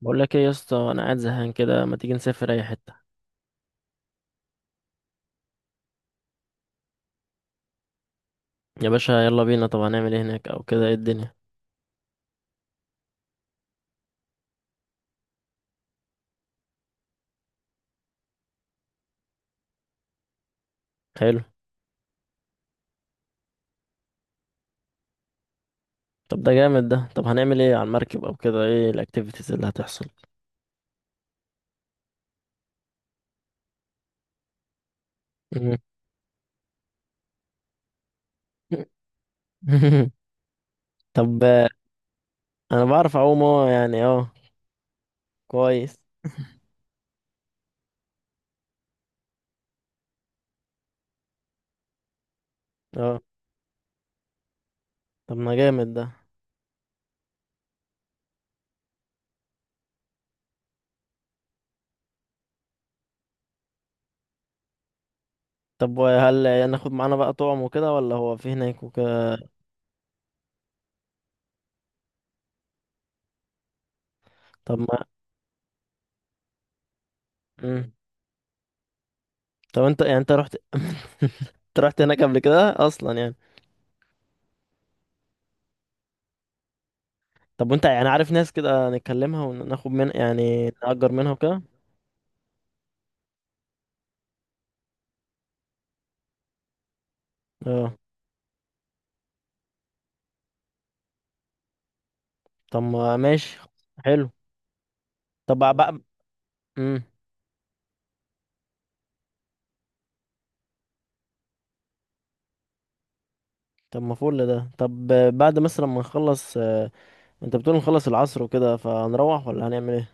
بقول لك ايه يا اسطى؟ انا قاعد زهقان كده، ما تيجي نسافر اي حته؟ يا باشا يلا بينا. طب هنعمل ايه هناك او كده؟ ايه الدنيا؟ حلو. طب ده جامد ده. طب هنعمل ايه على المركب او كده؟ ايه الاكتيفيتيز اللي هتحصل؟ مم. طب انا بعرف اعوم، اه يعني اه كويس. اه. طب ما جامد ده. طب وهل يعني ناخد معانا بقى طعم وكده، ولا هو في هناك وكده؟ طب ما. مم. طب انت رحت انت رحت هناك قبل كده اصلا يعني؟ طب وانت يعني عارف ناس كده نتكلمها وناخد من، يعني نأجر منها وكده؟ اه. طب ما ماشي. حلو. طب بقى. امم طب ما فل ده. طب بعد مثلا ما نخلص، انت بتقول نخلص العصر وكده، فهنروح ولا هنعمل ايه؟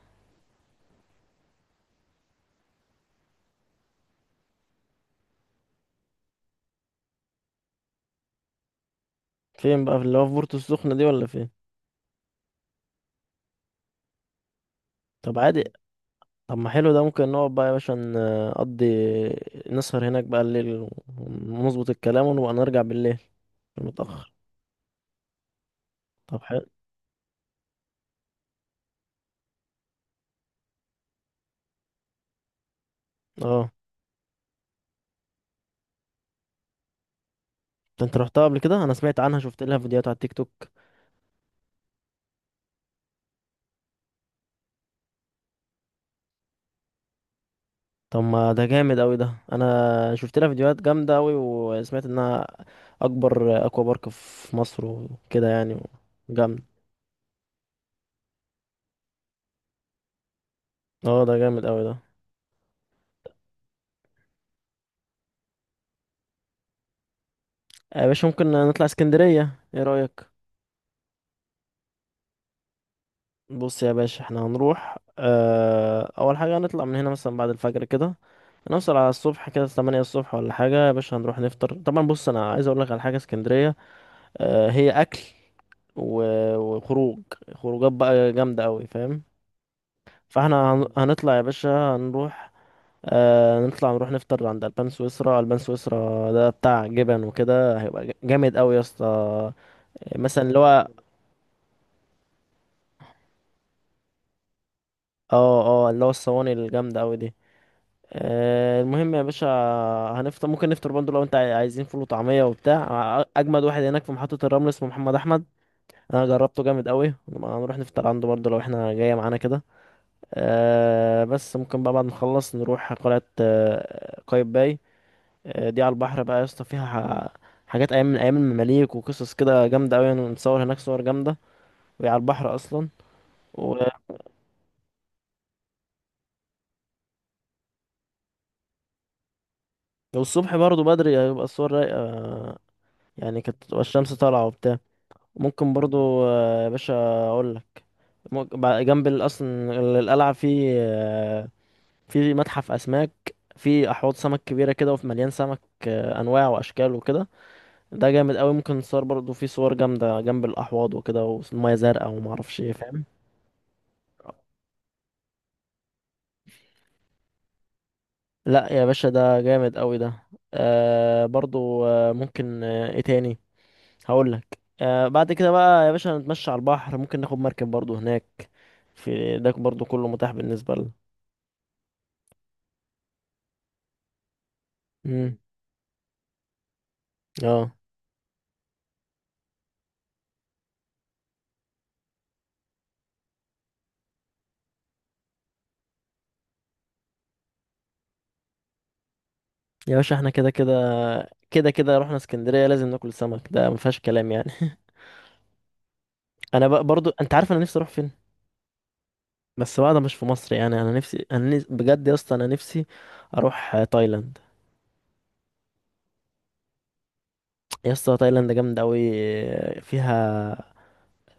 فين بقى؟ في اللي هو في بورتو السخنة دي ولا فين؟ طب عادي. طب ما حلو ده. ممكن نقعد بقى يا باشا، نقضي، نسهر هناك بقى الليل، ونظبط الكلام، ونبقى نرجع بالليل متأخر. طب حلو. اه انت رحتها قبل كده؟ انا سمعت عنها، شفت لها فيديوهات على التيك توك. طب ما ده جامد قوي ده. انا شفت لها فيديوهات جامده قوي، وسمعت انها اكبر اكوا بارك في مصر وكده يعني. جامد. اه ده جامد قوي ده. يا باشا ممكن نطلع اسكندريه، ايه رايك؟ بص يا باشا، احنا هنروح، اول حاجه هنطلع من هنا مثلا بعد الفجر كده، هنوصل على الصبح كده 8 الصبح ولا حاجه. يا باشا هنروح نفطر طبعا. بص انا عايز اقول لك على حاجه، اسكندريه اه هي اكل وخروج، خروجات بقى جامده قوي، فاهم؟ فاحنا هنطلع يا باشا، هنروح، آه نطلع نروح نفطر عند البان سويسرا. البان سويسرا ده بتاع جبن وكده، هيبقى جامد قوي يا اسطى، مثلا اللي هو. اه اه، اللي هو الصواني الجامده قوي دي. آه المهم يا باشا، هنفطر. ممكن نفطر برضه لو انت عايزين فول وطعميه وبتاع. اجمد واحد هناك في محطه الرمل اسمه محمد احمد، انا جربته جامد قوي. هنروح نفطر عنده برضه لو احنا جايه معانا كده. آه بس ممكن بقى بعد ما نخلص نروح قلعه قايتباي. دي على البحر بقى يا اسطى، فيها حاجات ايام من ايام المماليك، وقصص كده جامده قوي. نصور هناك صور جامده، وهي على البحر اصلا و... والصبح برضو بدري هيبقى الصور رايقه، يعني كانت تبقى الشمس طالعه وبتاع. ممكن برضو يا باشا اقول لك، ممكن بع- جنب ال- اصلا ال- القلعه في في متحف اسماك، في احواض سمك كبيره كده وفي مليان سمك، انواع واشكال وكده. ده جامد قوي. ممكن نصور برضو، في صور جامده جنب الاحواض وكده، والميه زرقاء وما اعرفش ايه، فاهم؟ لا يا باشا ده جامد قوي ده. آه برضو، آه ممكن، آه ايه تاني هقول لك، آه بعد كده بقى يا باشا نتمشى على البحر. ممكن ناخد مركب برضو هناك، في ده برضو كله متاح بالنسبة لنا. امم اه يا باشا احنا كده كده، كده كده رحنا اسكندرية، لازم ناكل سمك ده ما فيهاش كلام يعني. انا بقى برضو، انت عارف انا نفسي اروح فين؟ بس بقى ده مش في مصر يعني. انا نفسي، بجد يا اسطى، انا نفسي اروح تايلاند. يا اسطى تايلاند جامدة قوي، فيها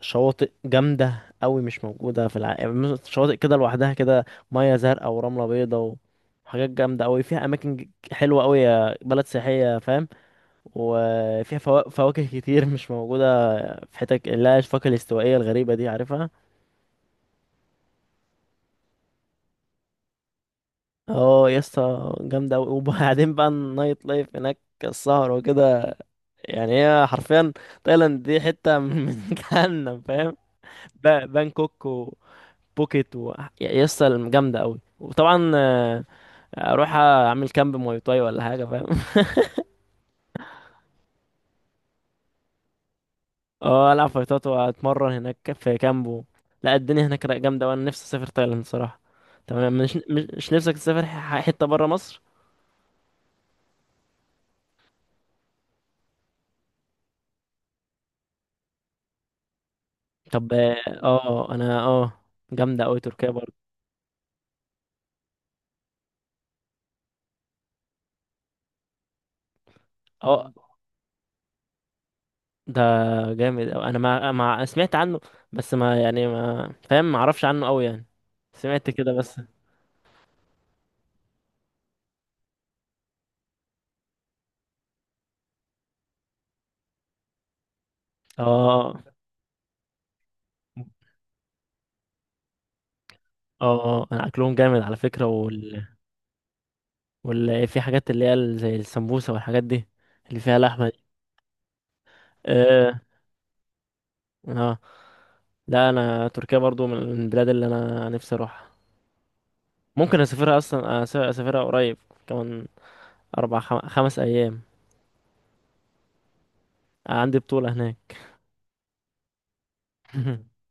شواطئ جامدة قوي مش موجودة في العالم، يعني شواطئ كده لوحدها كده، مية زرقاء ورملة بيضاء، وحاجات جامدة قوي. فيها أماكن حلوة قوي، بلد سياحية، فاهم؟ وفيها فواكه كتير مش موجودة في حتت، اللي هي الفاكهة الاستوائية الغريبة دي، عارفها؟ اه يا اسطى جامدة قوي. وبعدين بقى النايت لايف هناك، السهر وكده. يعني هي حرفيا، تايلاند دي حتة من من جهنم، فاهم؟ بانكوك، بوكيت، و يا اسطى جامده قوي. وطبعا اروح اعمل كامب مواي تاي ولا حاجه، فاهم؟ اه العب فايتات واتمرن هناك في كامبو. لا الدنيا هناك رايقة جامده، وانا نفسي اسافر تايلاند صراحه. تمام. مش نفسك تسافر حته بره مصر؟ طب اه. انا جامده قوي تركيا برضه. اه ده جامد أوي. انا ما ما أنا سمعت عنه، بس ما يعني ما فاهم، ما اعرفش عنه قوي يعني، سمعت كده بس. اه. اه انا اكلهم جامد على فكره. ولا في حاجات اللي هي زي السمبوسة والحاجات دي، اللي فيها لحمة دي. اه. اه، لا انا تركيا برضو من البلاد اللي انا نفسي اروحها. ممكن اسافرها اصلا، اسافرها قريب، كمان 5 أيام. عندي بطولة هناك.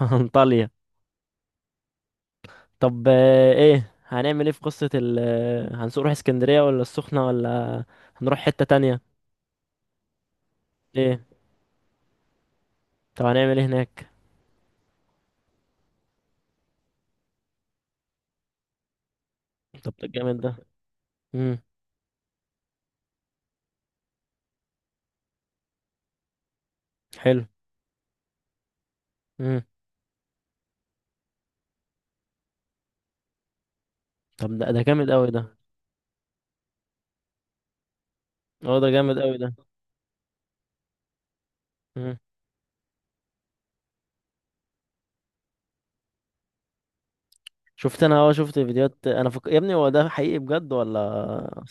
انطاليا. طب ايه، هنعمل ايه في قصة ال هنسوق نروح اسكندرية ولا السخنة، ولا هنروح حتة تانية؟ ايه؟ طب هنعمل ايه هناك؟ طب ده جامد ده. امم حلو. امم طب ده جامد قوي ده. اه ده جامد قوي ده. شفت، انا اه شفت فيديوهات. انا يا ابني هو ده حقيقي بجد ولا؟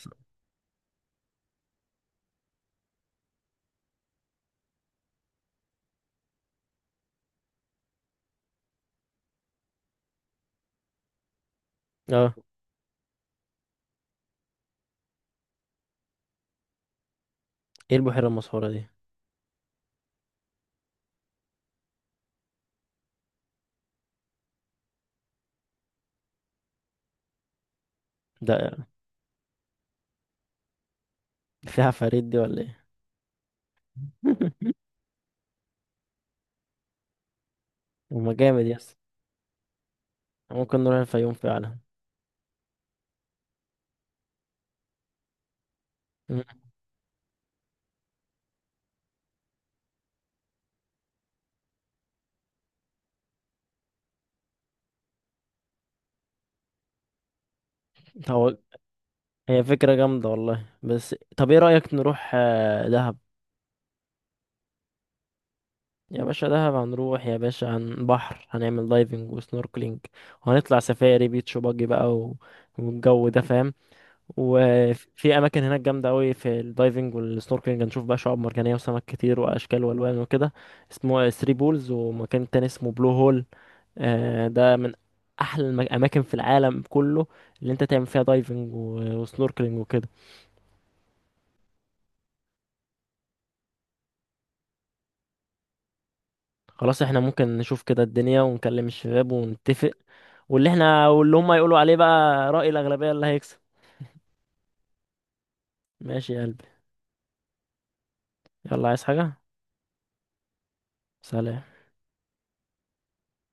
اه. ايه البحيرة المسحورة دي؟ ده فيها عفاريت دي ولا ايه؟ هما جامد يس. ممكن نروح الفيوم فعلا. مم. هو هي فكرة جامدة والله. بس طب ايه رأيك نروح دهب؟ يا باشا دهب هنروح يا باشا عن بحر، هنعمل دايفنج وسنوركلينج، وهنطلع سفاري بيتش باجي بقى، والجو ده، فاهم؟ وفي اماكن هناك جامده قوي في الدايفنج والسنوركلينج، هنشوف بقى شعاب مرجانيه وسمك كتير واشكال والوان وكده. اسمه ثري بولز، ومكان تاني اسمه بلو هول. ده من احلى الاماكن في العالم كله اللي انت تعمل فيها دايفنج وسنوركلينج وكده. خلاص، احنا ممكن نشوف كده الدنيا، ونكلم الشباب ونتفق، واللي احنا واللي هم يقولوا عليه بقى، رأي الأغلبية اللي هيكسب. ماشي يا قلبي. يلا عايز حاجة؟ سلام